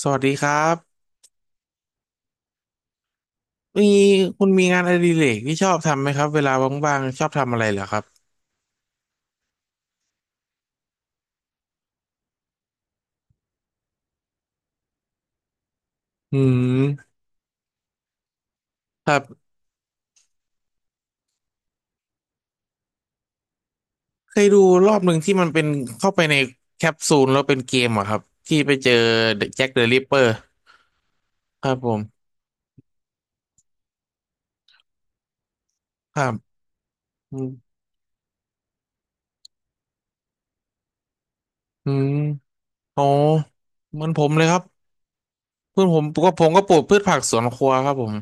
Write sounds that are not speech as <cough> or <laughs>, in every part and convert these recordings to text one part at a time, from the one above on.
สวัสดีครับมีคุณมีงานอดิเรกที่ชอบทำไหมครับเวลาว่างๆชอบทำอะไรเหรอครับอืมครับเคยดูรอบหนึ่งที่มันเป็นเข้าไปในแคปซูลแล้วเป็นเกมอะครับที่ไปเจอแจ็คเดอะริปเปอร์ครับผมครับอืมอืมอ๋อเหมือนผมเลยครับเพื่อนผมก็ผมก็ปลูกพืชผักสวนครัวครับผม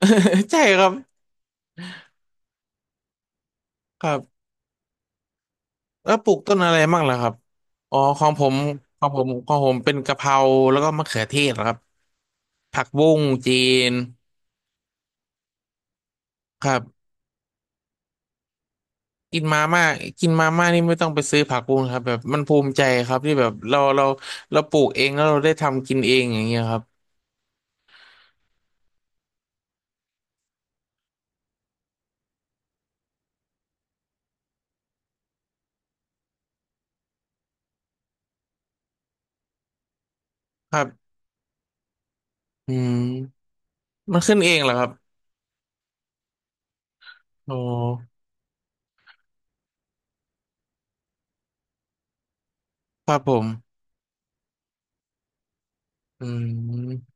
<laughs> ใช่ครับครับแล้วปลูกต้นอะไรบ้างล่ะครับอ๋อของผมเป็นกะเพราแล้วก็มะเขือเทศครับ ผักบุ้งจีนครับกินมาม่ากินมาม่านี่ไม่ต้องไปซื้อผักบุ้งครับแบบมันภูมิใจครับที่แบบเราปลูกเองแล้วเราได้ทำกินเองอย่างเงี้ยครับครับอืมมันขึ้นเองเหรอครับโอ้ครับผมอืม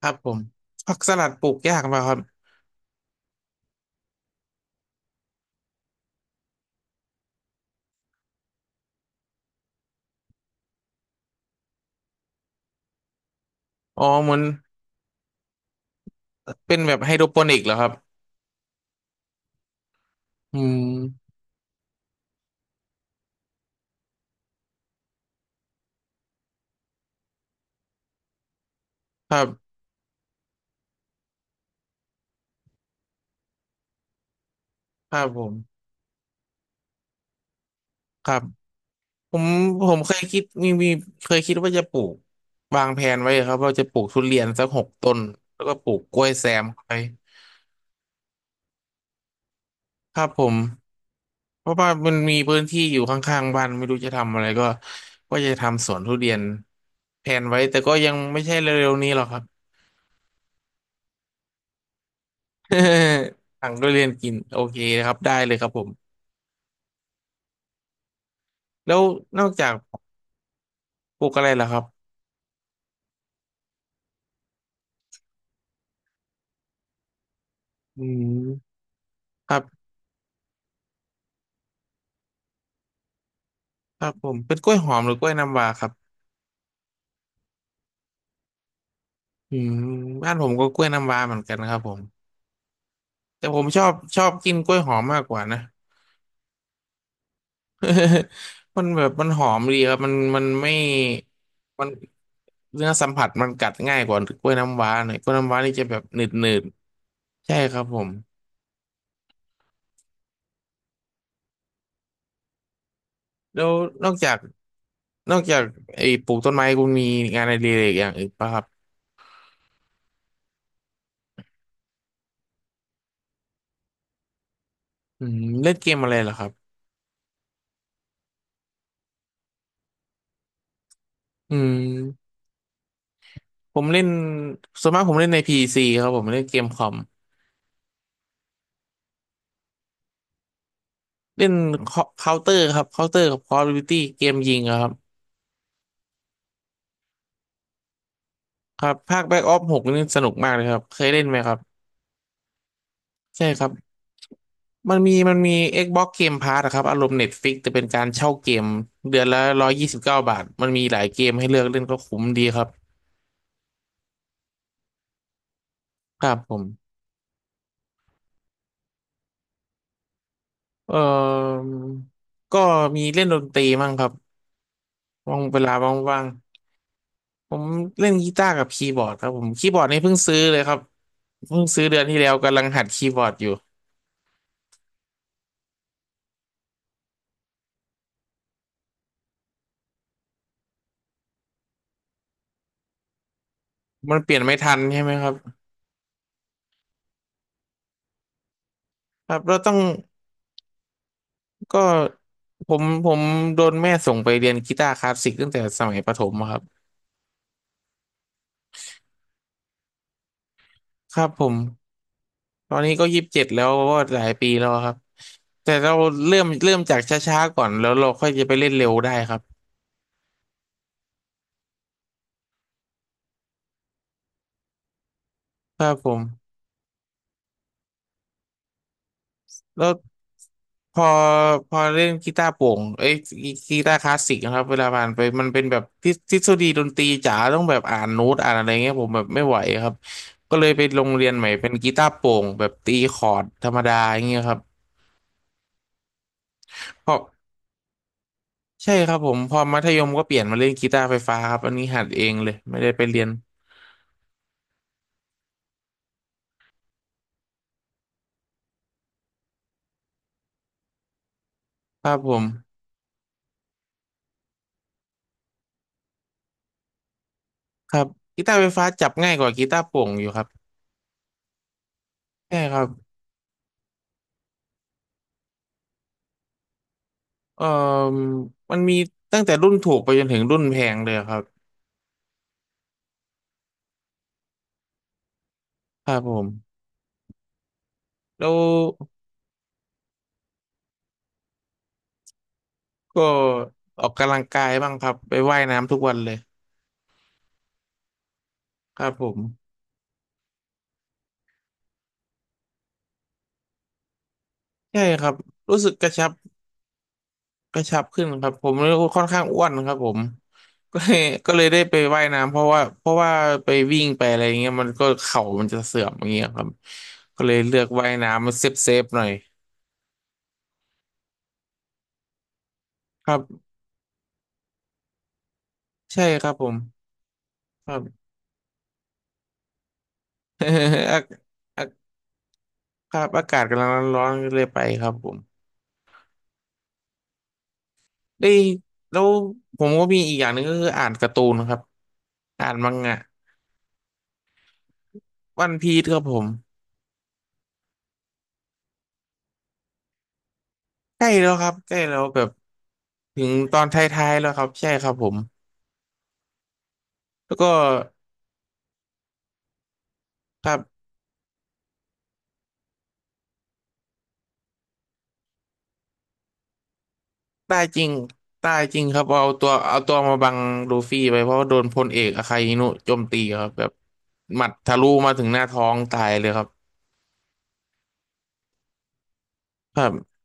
ครับผมผักสลัดปลูกยากไหมครับอ๋อเหมือนเป็นแบบไฮโดรโปนิกเหรอครับอืมครับครับผมครับ ผมผมเคยคิดว่าจะปลูกวางแผนไว้ครับว่าจะปลูกทุเรียนสักหกต้นแล้วก็ปลูกกล้วยแซมเข้าไปครับผมเพราะว่ามันมีพื้นที่อยู่ข้างๆบ้านไม่รู้จะทำอะไรก็ก็จะทำสวนทุเรียนแผนไว้แต่ก็ยังไม่ใช่เร็วๆนี้หรอกครับ <laughs> สั่งทุเรียนกินโอเคครับได้เลยครับผมแล้วนอกจากปลูกอะไรล่ะครับอืมครับครับผมเป็นกล้วยหอมหรือกล้วยน้ำว้าครับอืมบ้านผมก็กล้วยน้ำว้าเหมือนกันครับผม แต่ผมชอบชอบกินกล้วยหอมมากกว่านะ <laughs> มันแบบมันหอมดีครับมันมันไม่มันเนื้อสัมผัสมันกัดง่ายกว่ากล้วยน้ำว้าหน่อยกล้วยน้ำว้านี่จะแบบหนืดหนืดใช่ครับผมแล้วนอกจากนอกจากไอ้ปลูกต้นไม้คุณมีงานอดิเรกอย่างอื่นป่ะครับอืมเล่นเกมอะไรเหรอครับอืมผมเล่นส่วนมากผมเล่นในพีซีครับผมเล่นเกมคอมเล่นเคาน์เตอร์ครับเคาน์เตอร์กับคอลอฟดิวตี้เกมยิงอะครับ ครับภาคแบ็กออฟหกนี่สนุกมากเลยครับเคยเล่นไหมครับใช่ครับมันมี Xbox Game Pass อะครับอารมณ์ Netflix แต่เป็นการเช่าเกมเดือนละ129 บาทมันมีหลายเกมให้เลือกเล่นก็คุ้มดีครับครับผมเอ่อก็มีเล่นดนตรีมั่งครับว่างเวลาว่างๆผมเล่นกีตาร์กับคีย์บอร์ดครับผมคีย์บอร์ดนี่เพิ่งซื้อเลยครับเพิ่งซื้อเดือนที่แล้วกำลังหัดคีย์บอร์ดอยู่มันเปลี่ยนไม่ทันใช่ไหมครับครับเราต้อง ก็ผมโดนแม่ส่งไปเรียนกีตาร์คลาสสิกตั้งแต่สมัยประถมอะครับครับผมตอนนี้ก็27แล้วก็หลายปีแล้วครับแต่เราเริ่มจากช้าๆก่อนแล้วเราค่อยจะไปเล่นเร็วได้ครับครับผมแล้วพอพอเล่นกีตาร์โปร่งเอ้ยกีตาร์คลาสสิกนะครับเวลาผ่านไปมันเป็นแบบทฤษฎีดนตรีจ๋าต้องแบบอ่านโน้ตอ่านอะไรเงี้ยผมแบบไม่ไหวครับก็เลยไปโรงเรียนใหม่เป็นกีตาร์โปร่งแบบตีคอร์ดธรรมดาอย่างเงี้ยครับ ใช่ครับผมพอมัธยมก็เปลี่ยนมาเล่นกีตาร์ไฟฟ้าครับอันนี้หัดเองเลยไม่ได้ไปเรียนครับผมครับกีตาร์ไฟฟ้าจับง่ายกว่ากีตาร์โปร่งอยู่ครับใช่ครับเอ่อมันมีตั้งแต่รุ่นถูกไปจนถึงรุ่นแพงเลยครับครับผมแล้วก็ออกกำลังกายบ้างครับไปว่ายน้ำทุกวันเลยครับผมใช่ครับรู้สึกกระชับ กระชับขึ้นครับผมค่อนข้างอ้วนครับผมก็เลยก็เลยได้ไปว่ายน้ำเพราะว่าเพราะว่าไปวิ่งไปอะไรอย่างเงี้ยมันก็เข่ามันจะเสื่อมอย่างเงี้ยครับก็เลยเลือกว่ายน้ำมันเซฟเซฟหน่อยครับใช่ครับผมครับ <laughs> อาอาครับอากาศกำลังร้อนๆก็เลยไปครับผมได้ยแล้วผมก็มีอีกอย่างหนึ่งก็คืออ่านการ์ตูนครับอ่านมังงะวันพีซครับผมใกล้แล้วครับใกล้แล้วแบบถึงตอนท้ายๆแล้วครับใช่ครับผมแล้วก็ ครับได้จริงได้จริงครับเอาตัวมาบังลูฟี่ไปเพราะว่าโดนพลเอกอาคาอินุโจมตีครับแบบหมัดทะลุมาถึงหน้าท้องตายเลยครับครับ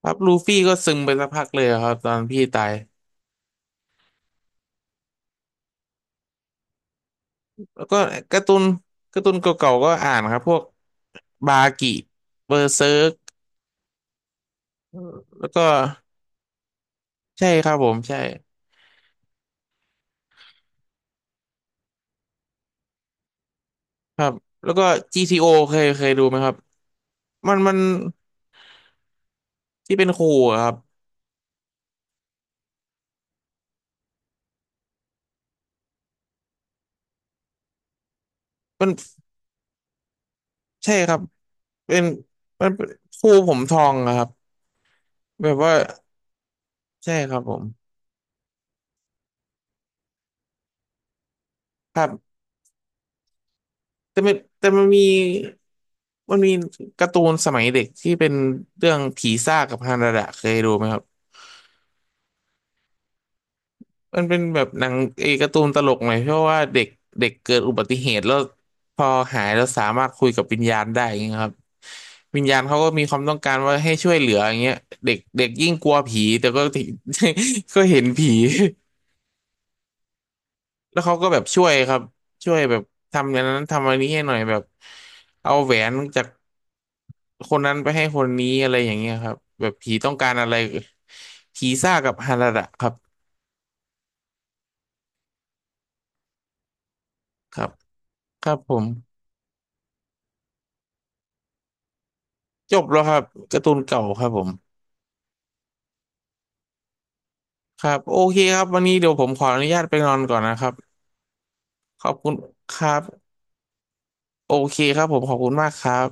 ครับลูฟี่ก็ซึมไปสักพักเลยครับตอนพี่ตายแล้วก็การ์ตูนการ์ตูนเก่าๆก็อ่านครับพวกบากิเบอร์เซิร์กแล้วก็ใช่ครับผมใช่ครับแล้วก็ GTO เคยดูไหมครับมันมันที่เป็นครูอะครับมัน ใช่ครับเป็นมันเป็นครูผมทองอะครับแบบว่าใช่ครับผมครับแต่มันมีการ์ตูนสมัยเด็กที่เป็นเรื่องผีซ่ากับฮานาดะเคยดูไหมครับมันเป็นแบบหนังการ์ตูนตลกหน่อยเพราะว่าเด็กเด็กเกิดอุบัติเหตุแล้วพอหายแล้วสามารถคุยกับวิญญาณได้อย่างเงี้ยครับวิญญาณเขาก็มีความต้องการว่าให้ช่วยเหลืออย่างเงี้ยเด็กเด็กยิ่งกลัวผีแต่ก็ <laughs> ก็เห็นผี แล้วเขาก็แบบช่วยครับช่วยแบบทำอย่างนั้นทำอันนี้ให้หน่อยแบบเอาแหวนจากคนนั้นไปให้คนนี้อะไรอย่างเงี้ยครับแบบผีต้องการอะไรผีซ่ากับฮาระดะครับครับครับผมจบแล้วครับการ์ตูนเก่าครับผมครับโอเคครับวันนี้เดี๋ยวผมขออนุญาตไปนอนก่อนนะครับขอบคุณครับโอเคครับผมขอบคุณมากครับ